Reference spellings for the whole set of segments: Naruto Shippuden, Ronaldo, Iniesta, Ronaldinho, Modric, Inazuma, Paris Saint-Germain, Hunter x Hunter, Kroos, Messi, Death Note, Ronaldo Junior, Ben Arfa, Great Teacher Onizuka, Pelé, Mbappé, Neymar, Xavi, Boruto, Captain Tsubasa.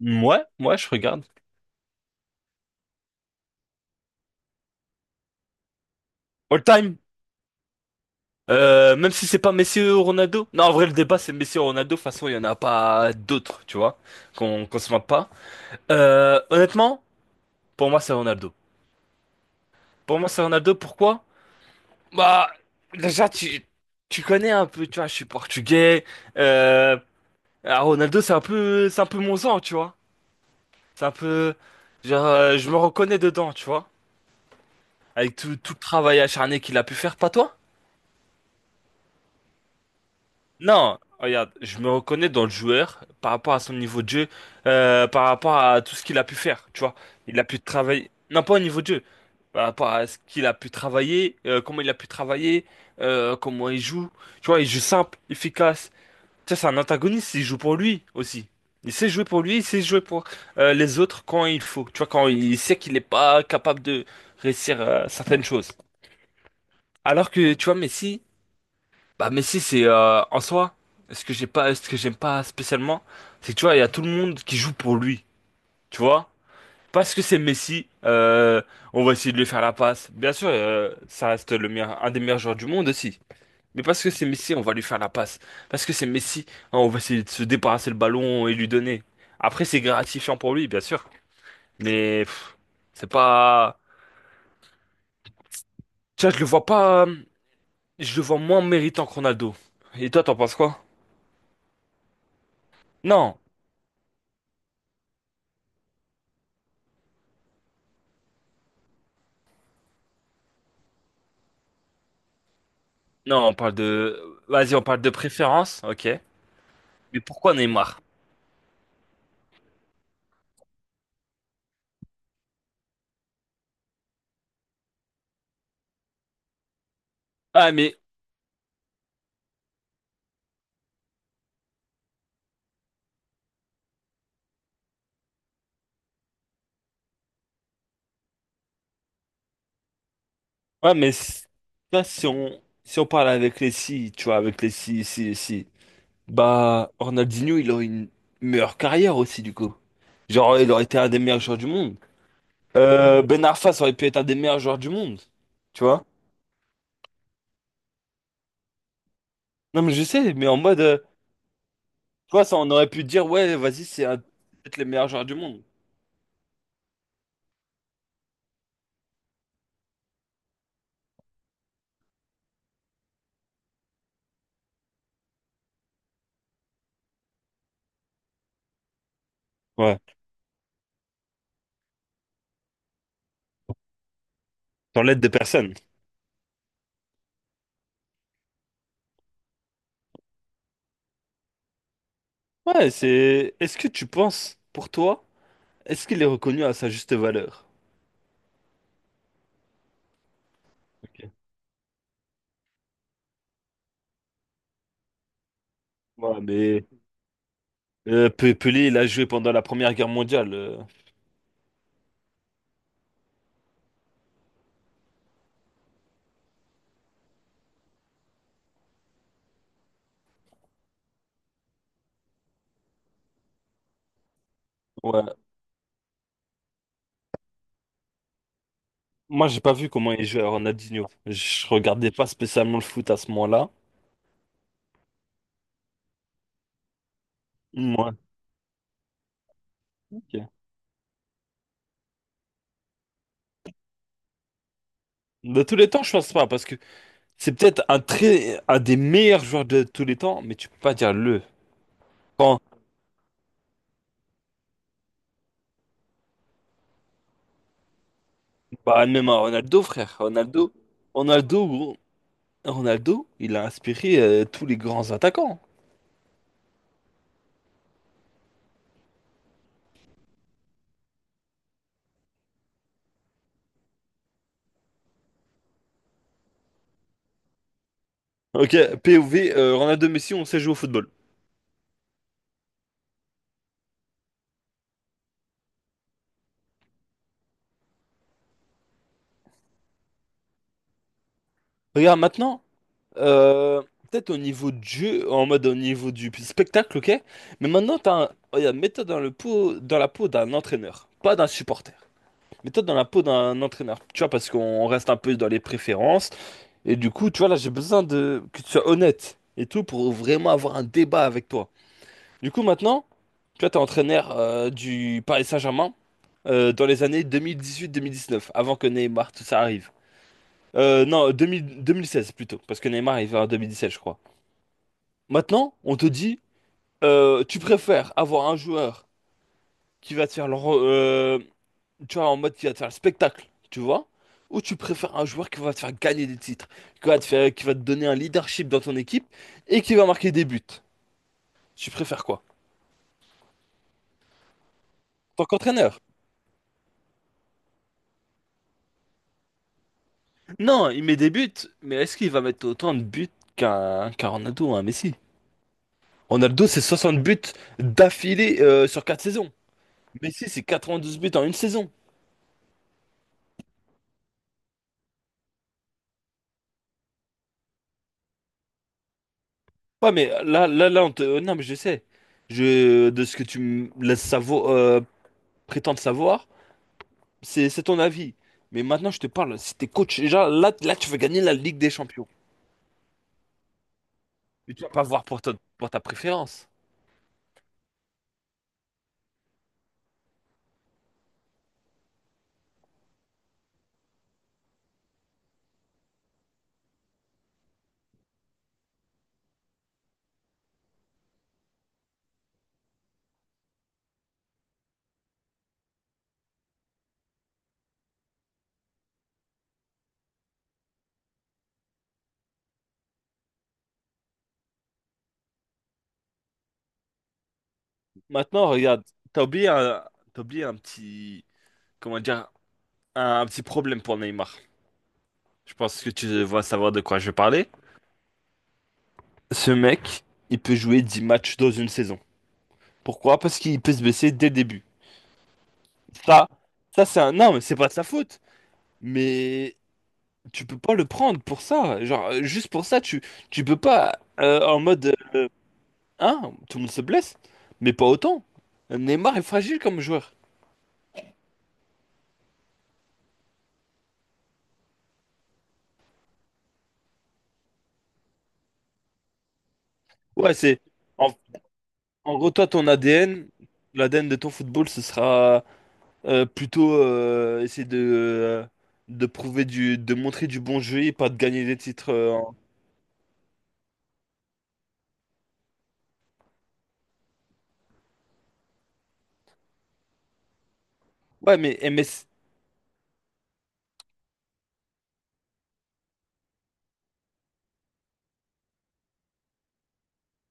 Ouais, ouais, je regarde. All time. Même si c'est pas Messi ou Ronaldo. Non, en vrai, le débat, c'est Messi ou Ronaldo. De toute façon, il y en a pas d'autres, tu vois, qu'on se moque pas. Honnêtement, pour moi, c'est Ronaldo. Pour moi, c'est Ronaldo. Pourquoi? Bah, déjà, tu connais un peu, tu vois, je suis portugais. Euh, alors, Ronaldo, c'est un peu mon sang, tu vois. C'est un peu, genre, je me reconnais dedans, tu vois. Avec tout le travail acharné qu'il a pu faire, pas toi? Non, regarde, je me reconnais dans le joueur par rapport à son niveau de jeu, par rapport à tout ce qu'il a pu faire, tu vois. Il a pu travailler, non pas au niveau de jeu, par rapport à ce qu'il a pu travailler, comment il a pu travailler, comment il joue. Tu vois, il joue simple, efficace. Tu sais, c'est un antagoniste, il joue pour lui aussi. Il sait jouer pour lui, il sait jouer pour les autres quand il faut. Tu vois, quand il sait qu'il n'est pas capable de réussir certaines choses. Alors que, tu vois, Messi... Bah Messi c'est en soi, ce que j'ai pas, ce que j'aime pas spécialement, c'est que tu vois, il y a tout le monde qui joue pour lui, tu vois. Parce que c'est Messi, on va essayer de lui faire la passe. Bien sûr, ça reste le meilleur, un des meilleurs joueurs du monde aussi. Mais parce que c'est Messi, on va lui faire la passe. Parce que c'est Messi, hein, on va essayer de se débarrasser le ballon et lui donner. Après, c'est gratifiant pour lui, bien sûr. Mais c'est pas, tu vois, je le vois pas, je le vois moins méritant que Ronaldo. Et toi, t'en penses quoi? Non. Non, on parle de... Vas-y, on parle de préférence, ok. Mais pourquoi Neymar? Ah, mais... Ouais, mais... Ça, si on... Si on parle avec les si, tu vois, avec les si, si, si... Bah, Ronaldinho, il aurait une meilleure carrière aussi, du coup. Genre, il aurait été un des meilleurs joueurs du monde. Ben Arfa, ça aurait pu être un des meilleurs joueurs du monde. Tu vois? Non, mais je sais, mais en mode... tu vois, ça, on aurait pu dire, ouais, vas-y, c'est un... peut-être les meilleurs joueurs du monde. Ouais, sans l'aide de personne. Ouais, c'est... Est-ce que tu penses, pour toi... Est-ce qu'il est reconnu à sa juste valeur? Ok. Ouais, mais Pelé, il a joué pendant la Première Guerre mondiale. Ouais. Moi, j'ai pas vu comment il jouait à Ronaldinho. Je regardais pas spécialement le foot à ce moment-là. Moi, ok. De tous les temps, je pense pas, parce que c'est peut-être un très, un des meilleurs joueurs de tous les temps, mais tu peux pas dire le. Quand, bah, même à Ronaldo, frère. Ronaldo, Ronaldo, gros. Ronaldo, il a inspiré tous les grands attaquants. Ok, POV, Ronaldo Messi, on sait jouer au football. Regarde maintenant. Euh, peut-être au niveau du jeu, en mode au niveau du spectacle, ok? Mais maintenant, t'as un... regarde, mets-toi dans la peau d'un entraîneur, pas d'un supporter. Mets-toi dans la peau d'un entraîneur, tu vois, parce qu'on reste un peu dans les préférences. Et du coup, tu vois, là, j'ai besoin de que tu sois honnête et tout pour vraiment avoir un débat avec toi. Du coup, maintenant, tu vois, t'es entraîneur du Paris Saint-Germain dans les années 2018-2019, avant que Neymar, tout ça arrive. Non, 2000 2016 plutôt, parce que Neymar est en 2017, je crois. Maintenant, on te dit, tu préfères avoir un joueur qui va te faire tu vois, en mode qui va te faire le spectacle, tu vois, ou tu préfères un joueur qui va te faire gagner des titres, qui va te faire, qui va te donner un leadership dans ton équipe et qui va marquer des buts. Tu préfères quoi? Tant qu'entraîneur? Non, il met des buts, mais est-ce qu'il va mettre autant de buts qu'un Ronaldo ou un Messi? Ronaldo, c'est 60 buts d'affilée sur 4 saisons. Messi, c'est 92 buts en une saison. Ouais, mais là, on te... Non, mais je sais. Je... De ce que tu me laisses prétendre savoir, c'est ton avis. Mais maintenant, je te parle. Si t'es coach, déjà, là, tu veux gagner la Ligue des Champions. Mais tu vas pas voir pour ta préférence. Maintenant, regarde, t'as oublié un... t'as oublié un petit... Comment dire? Un petit problème pour Neymar. Je pense que tu vas savoir de quoi je vais parler. Ce mec, il peut jouer 10 matchs dans une saison. Pourquoi? Parce qu'il peut se blesser dès le début. Ça, ça, c'est un... Non, mais c'est pas de sa faute. Mais tu peux pas le prendre pour ça. Genre, juste pour ça, tu peux pas en mode hein, tout le monde se blesse, mais pas autant. Neymar est fragile comme joueur. Ouais, c'est en, en gros, toi, ton ADN, l'ADN de ton football, ce sera plutôt essayer de prouver du, de montrer du bon jeu et pas de gagner des titres. Ouais, mais MS,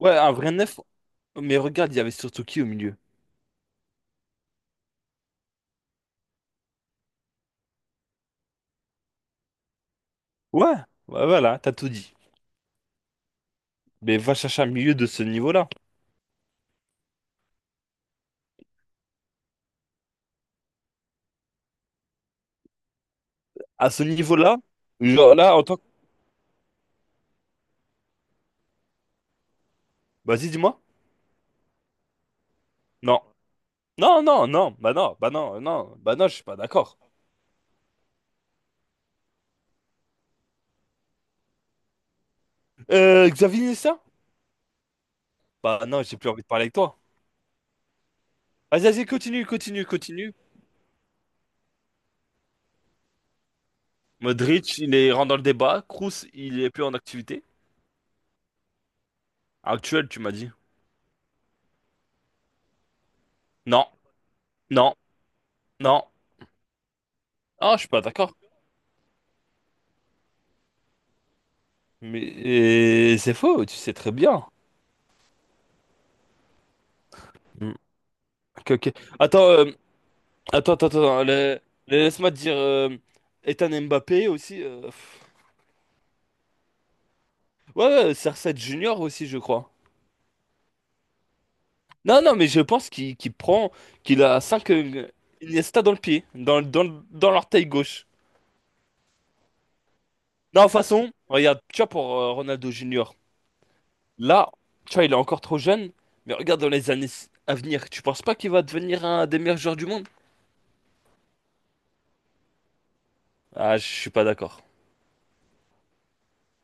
ouais, un vrai neuf. Mais regarde, il y avait surtout qui au milieu? Ouais, ouais, voilà, t'as tout dit. Mais va chercher un milieu de ce niveau-là. À ce niveau-là, genre là, en tant que... Vas-y, dis-moi. Non. Non, non, non. Bah non, bah non, non. Bah non, je suis pas d'accord. Xavi Nessa? Bah non, j'ai plus envie de parler avec toi. Vas-y, vas-y, continue, continue, continue. Modric, il est rentre dans le débat. Kroos, il est plus en activité. Actuel, tu m'as dit. Non, non, non. Ah, je suis pas d'accord. Mais c'est faux, tu sais très bien. Mm. Ok, ok. Attends, attends, attends, attends. Laisse-moi te dire... Ethan Mbappé aussi... pff. Ouais, ouais, cr Junior aussi, je crois. Non, non, mais je pense qu'il prend, qu'il a 5 Iniesta dans le pied, dans l'orteil gauche. Non, de toute façon, regarde, tu vois, pour Ronaldo Junior, là, tu vois, il est encore trop jeune, mais regarde dans les années à venir, tu penses pas qu'il va devenir un des meilleurs joueurs du monde? Ah, je suis pas d'accord.